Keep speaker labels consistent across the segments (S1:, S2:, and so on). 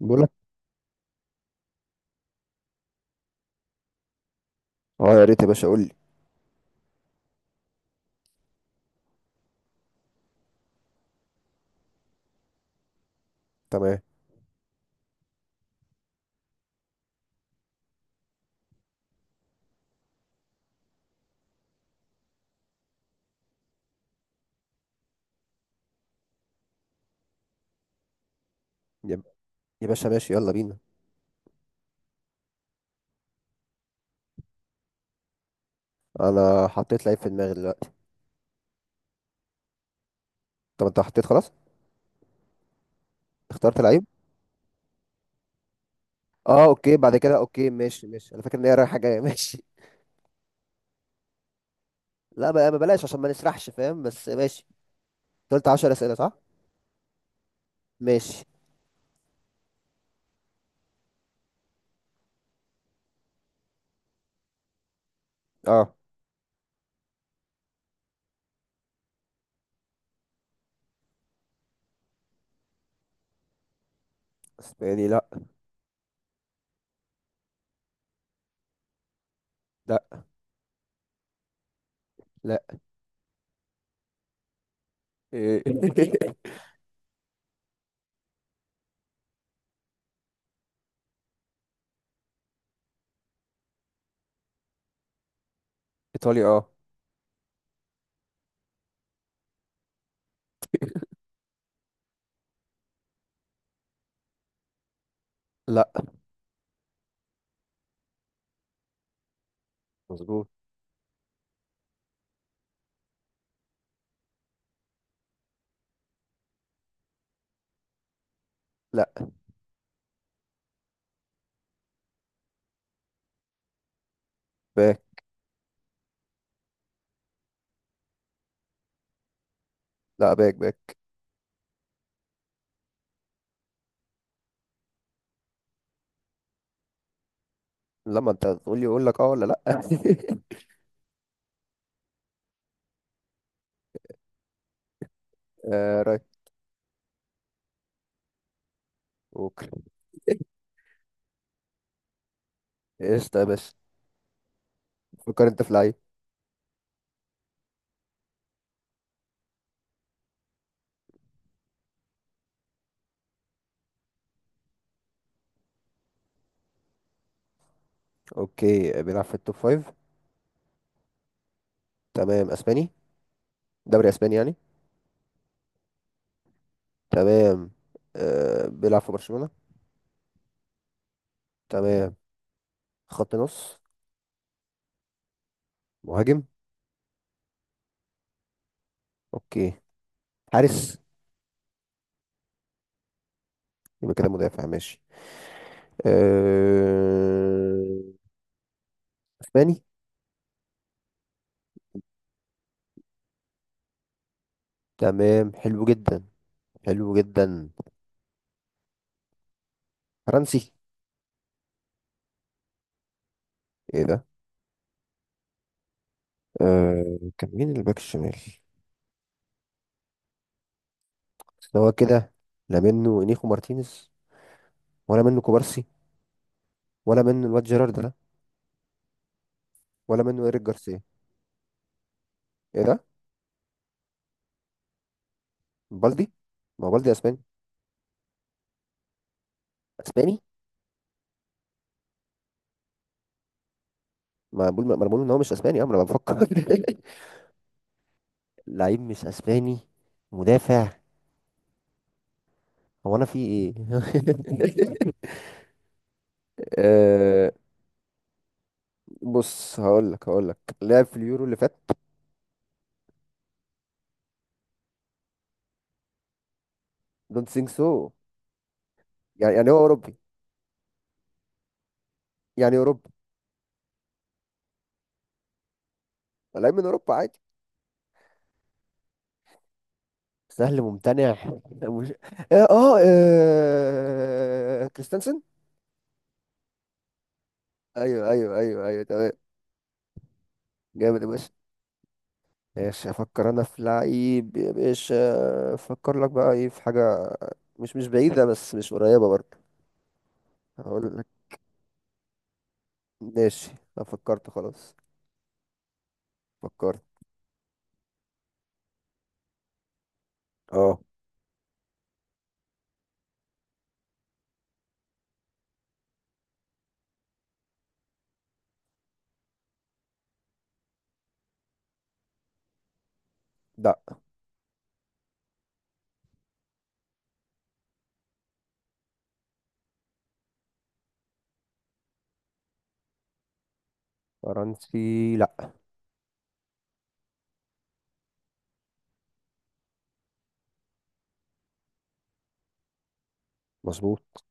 S1: بقول لك. اه، يا ريت يا باشا قول لي. تمام يا يا باشا، ماشي، يلا بينا. انا حطيت لعيب في دماغي دلوقتي. طب انت حطيت؟ خلاص اخترت لعيب. اه اوكي، بعد كده اوكي، ماشي ماشي، انا فاكر ان هي رايحه جايه ماشي. لا بقى، ما بلاش عشان ما نسرحش، فاهم؟ بس ماشي. أنت قلت 10 اسئله صح؟ ماشي. اه. اسباني لا. لا. لا. إيه. ايطالي اه. لا. مظبوط. لا باك. لا، باك باك. لما انت تقول لي اقول لك اه ولا لا. آه رايت. اوكي. ايش ده يا باشا؟ فكر انت في لعيب. اوكي، بيلعب في التوب فايف. تمام. اسباني؟ دوري اسباني يعني. تمام. آه، بيلعب في برشلونة. تمام. خط نص؟ مهاجم؟ اوكي، حارس؟ يبقى كده مدافع، ماشي. آه، اسباني؟ تمام، حلو جدا، حلو جدا. فرنسي؟ ايه ده! آه، كان مين الباك الشمال؟ بس هو كده. لا، منه نيخو مارتينيز، ولا منه كوبارسي، ولا منه الواد جيرارد ده، ولا منه ايريك جارسيا. ايه ده؟ بالدي. ما هو بالدي اسباني. اسباني. ما بقول، ما انا بقول ان هو مش اسباني، اه، ما انا بفكر. لعيب مش اسباني، مدافع، هو انا في ايه؟ آه، بص، هقول لك لعب في اليورو اللي فات. دونت ثينك سو يعني. يعني هو اوروبي، يعني اوروبي، لعيب من اوروبا عادي. سهل ممتنع. مش... اه اه، كريستنسن. ايوه ايوه ايوه ايوه، تمام. جامد يا باشا. ماشي، افكر انا في لعيب يا باشا. افكر لك بقى، ايه في حاجه؟ مش بعيده، بس مش قريبه برضه. هقول لك. ماشي. انا فكرت خلاص. فكرت. اه. لا. فرنسي لا. مظبوط.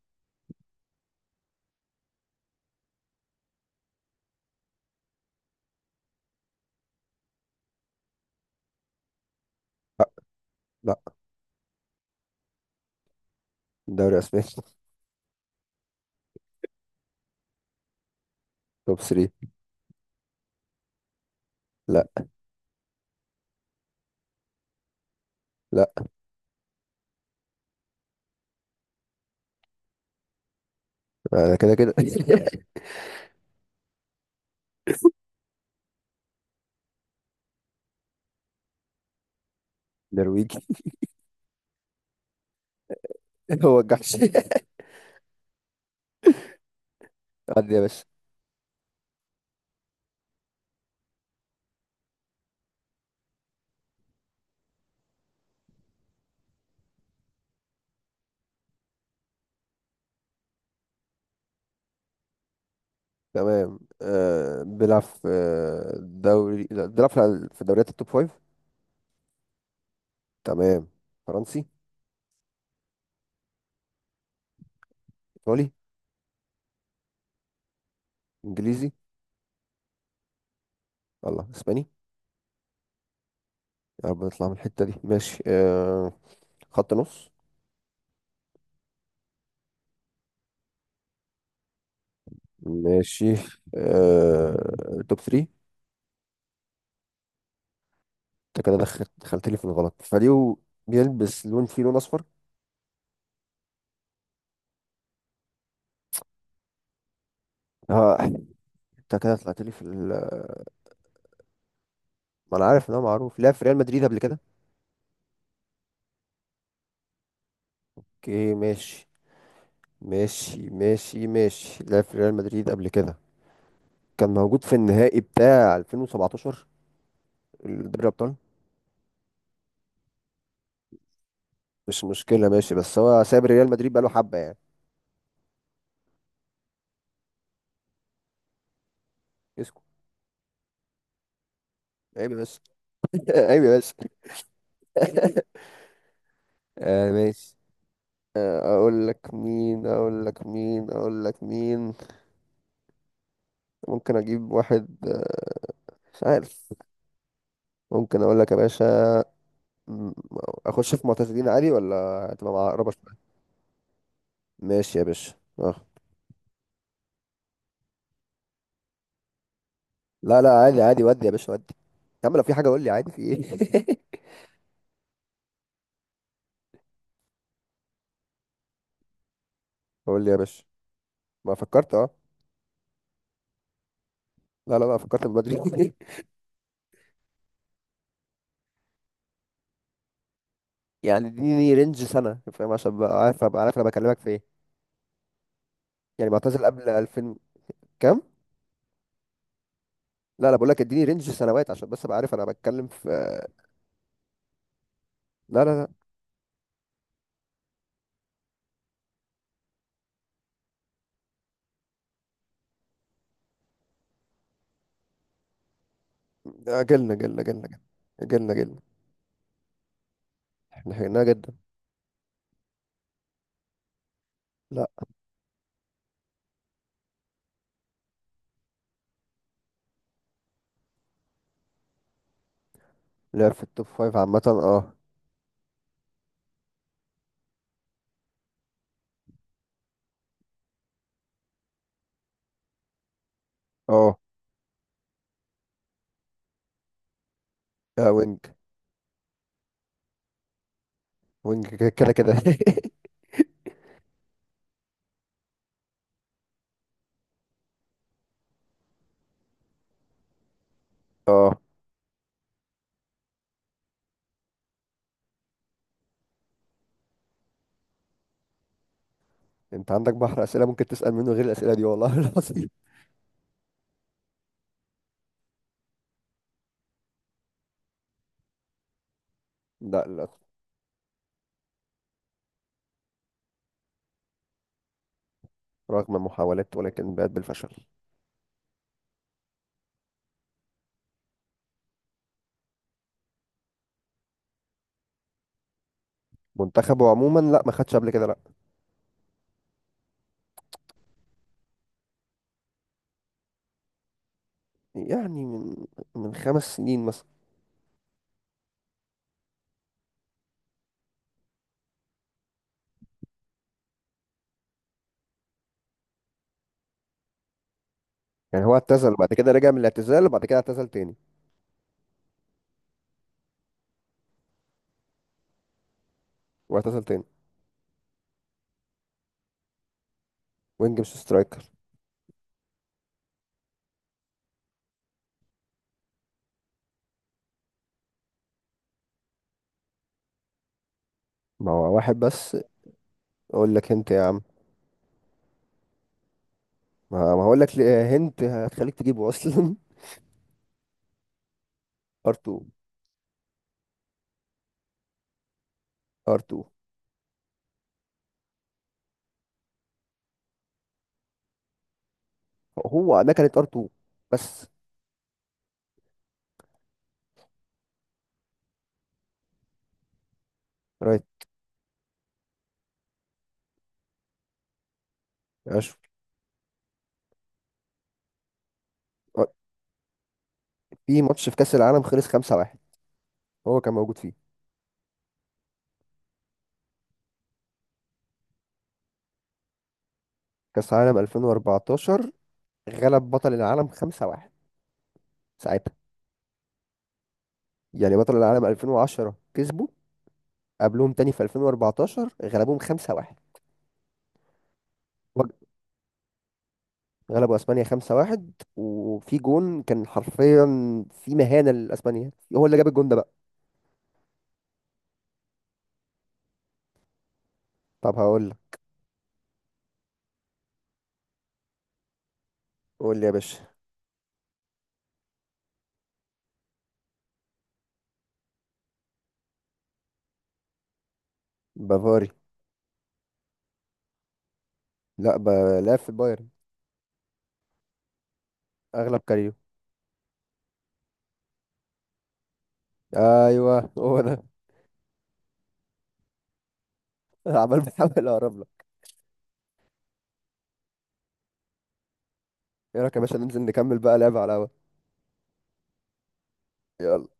S1: لا. لا. دوري اسباني. توب 3. لا. لا، انا كده كده. نرويجي. هو الجحش. عدي يا باشا. تمام. آه بيلعب في آه، دوري لا، بيلعب في دوريات التوب 5. تمام. فرنسي؟ ايطالي؟ انجليزي؟ الله، اسباني. يا رب نطلع من الحتة دي، ماشي آه. خط نص؟ ماشي. آه، توب 3؟ انت كده دخلت لي في الغلط، فريو. بيلبس لون، فيه لون اصفر. اه، انت كده طلعت لي في ال... ما انا عارف ان هو معروف، لعب في ريال مدريد قبل كده. اوكي، ماشي ماشي ماشي ماشي، لعب في ريال مدريد قبل كده، كان موجود في النهائي بتاع 2017، دوري الابطال. مش مشكله، ماشي، بس هو ساب ريال مدريد بقاله حبه يعني. اسكت! عيب بس. عيب بس. آه ماشي. آه، اقول لك مين، اقول لك مين، اقول لك مين. ممكن اجيب واحد، آه، مش عارف، ممكن اقول لك يا باشا. م- اخش في معتزلين عادي ولا هتبقى معقربه شويه؟ ماشي يا باشا. اه. لا لا، عادي عادي، ودي يا باشا ودي. يا عم، لو في حاجه قول لي، عادي، في ايه؟ قول لي يا باشا. ما فكرت، اه. لا لا لا، فكرت من بدري. يعني اديني رينج سنه، فاهم؟ عشان بقى عارف، ابقى عارف انا بكلمك في ايه. يعني معتزل قبل 2000؟ كام؟ لا لا، بقول لك اديني رينج سنوات عشان بس ابقى عارف انا بتكلم في. لا لا لا، اجلنا اجلنا اجلنا اجلنا اجلنا اجلنا. احنا حيناها جدا. لا. لعب في التوب فايف عامه اه. اه. آه وينج. وينج كده كده كده. اه. انت عندك بحر اسئله ممكن تسال منه غير الاسئله دي، والله العظيم. لا لا. رغم المحاولات ولكن بات بالفشل. منتخبه عموما لا، ما خدش قبل كده لا. يعني من 5 سنين مثلا. يعني هو اعتزل، بعد كده رجع من الاعتزال، وبعد كده اعتزل تاني. واعتزل تاني. وينج مش سترايكر. ما هو واحد بس. اقول لك هنت يا عم. ما هقول لك هنت هتخليك تجيبه اصلا. ار 2. ار 2. هو انا كانت ار 2 بس. رايت. اشوف. في ماتش في كأس العالم خلص 5-1 هو كان موجود فيه. كأس العالم 2014، غلب بطل العالم 5-1 ساعتها. يعني بطل العالم 2010 كسبوا، قبلهم تاني في 2014 غلبوهم 5-1. وج- غلبوا اسبانيا 5-1، وفي جون كان حرفيا في مهانة لاسبانيا، هو اللي جاب الجون ده بقى. طب هقول لك. قول لي يا باشا. بافاري. لا، لعب في البايرن اغلب كاريو. ايوه هو ده. عمال بحاول اقرب لك. ايه رايك يا باشا، ننزل نكمل بقى لعب على القهوة؟ يلا.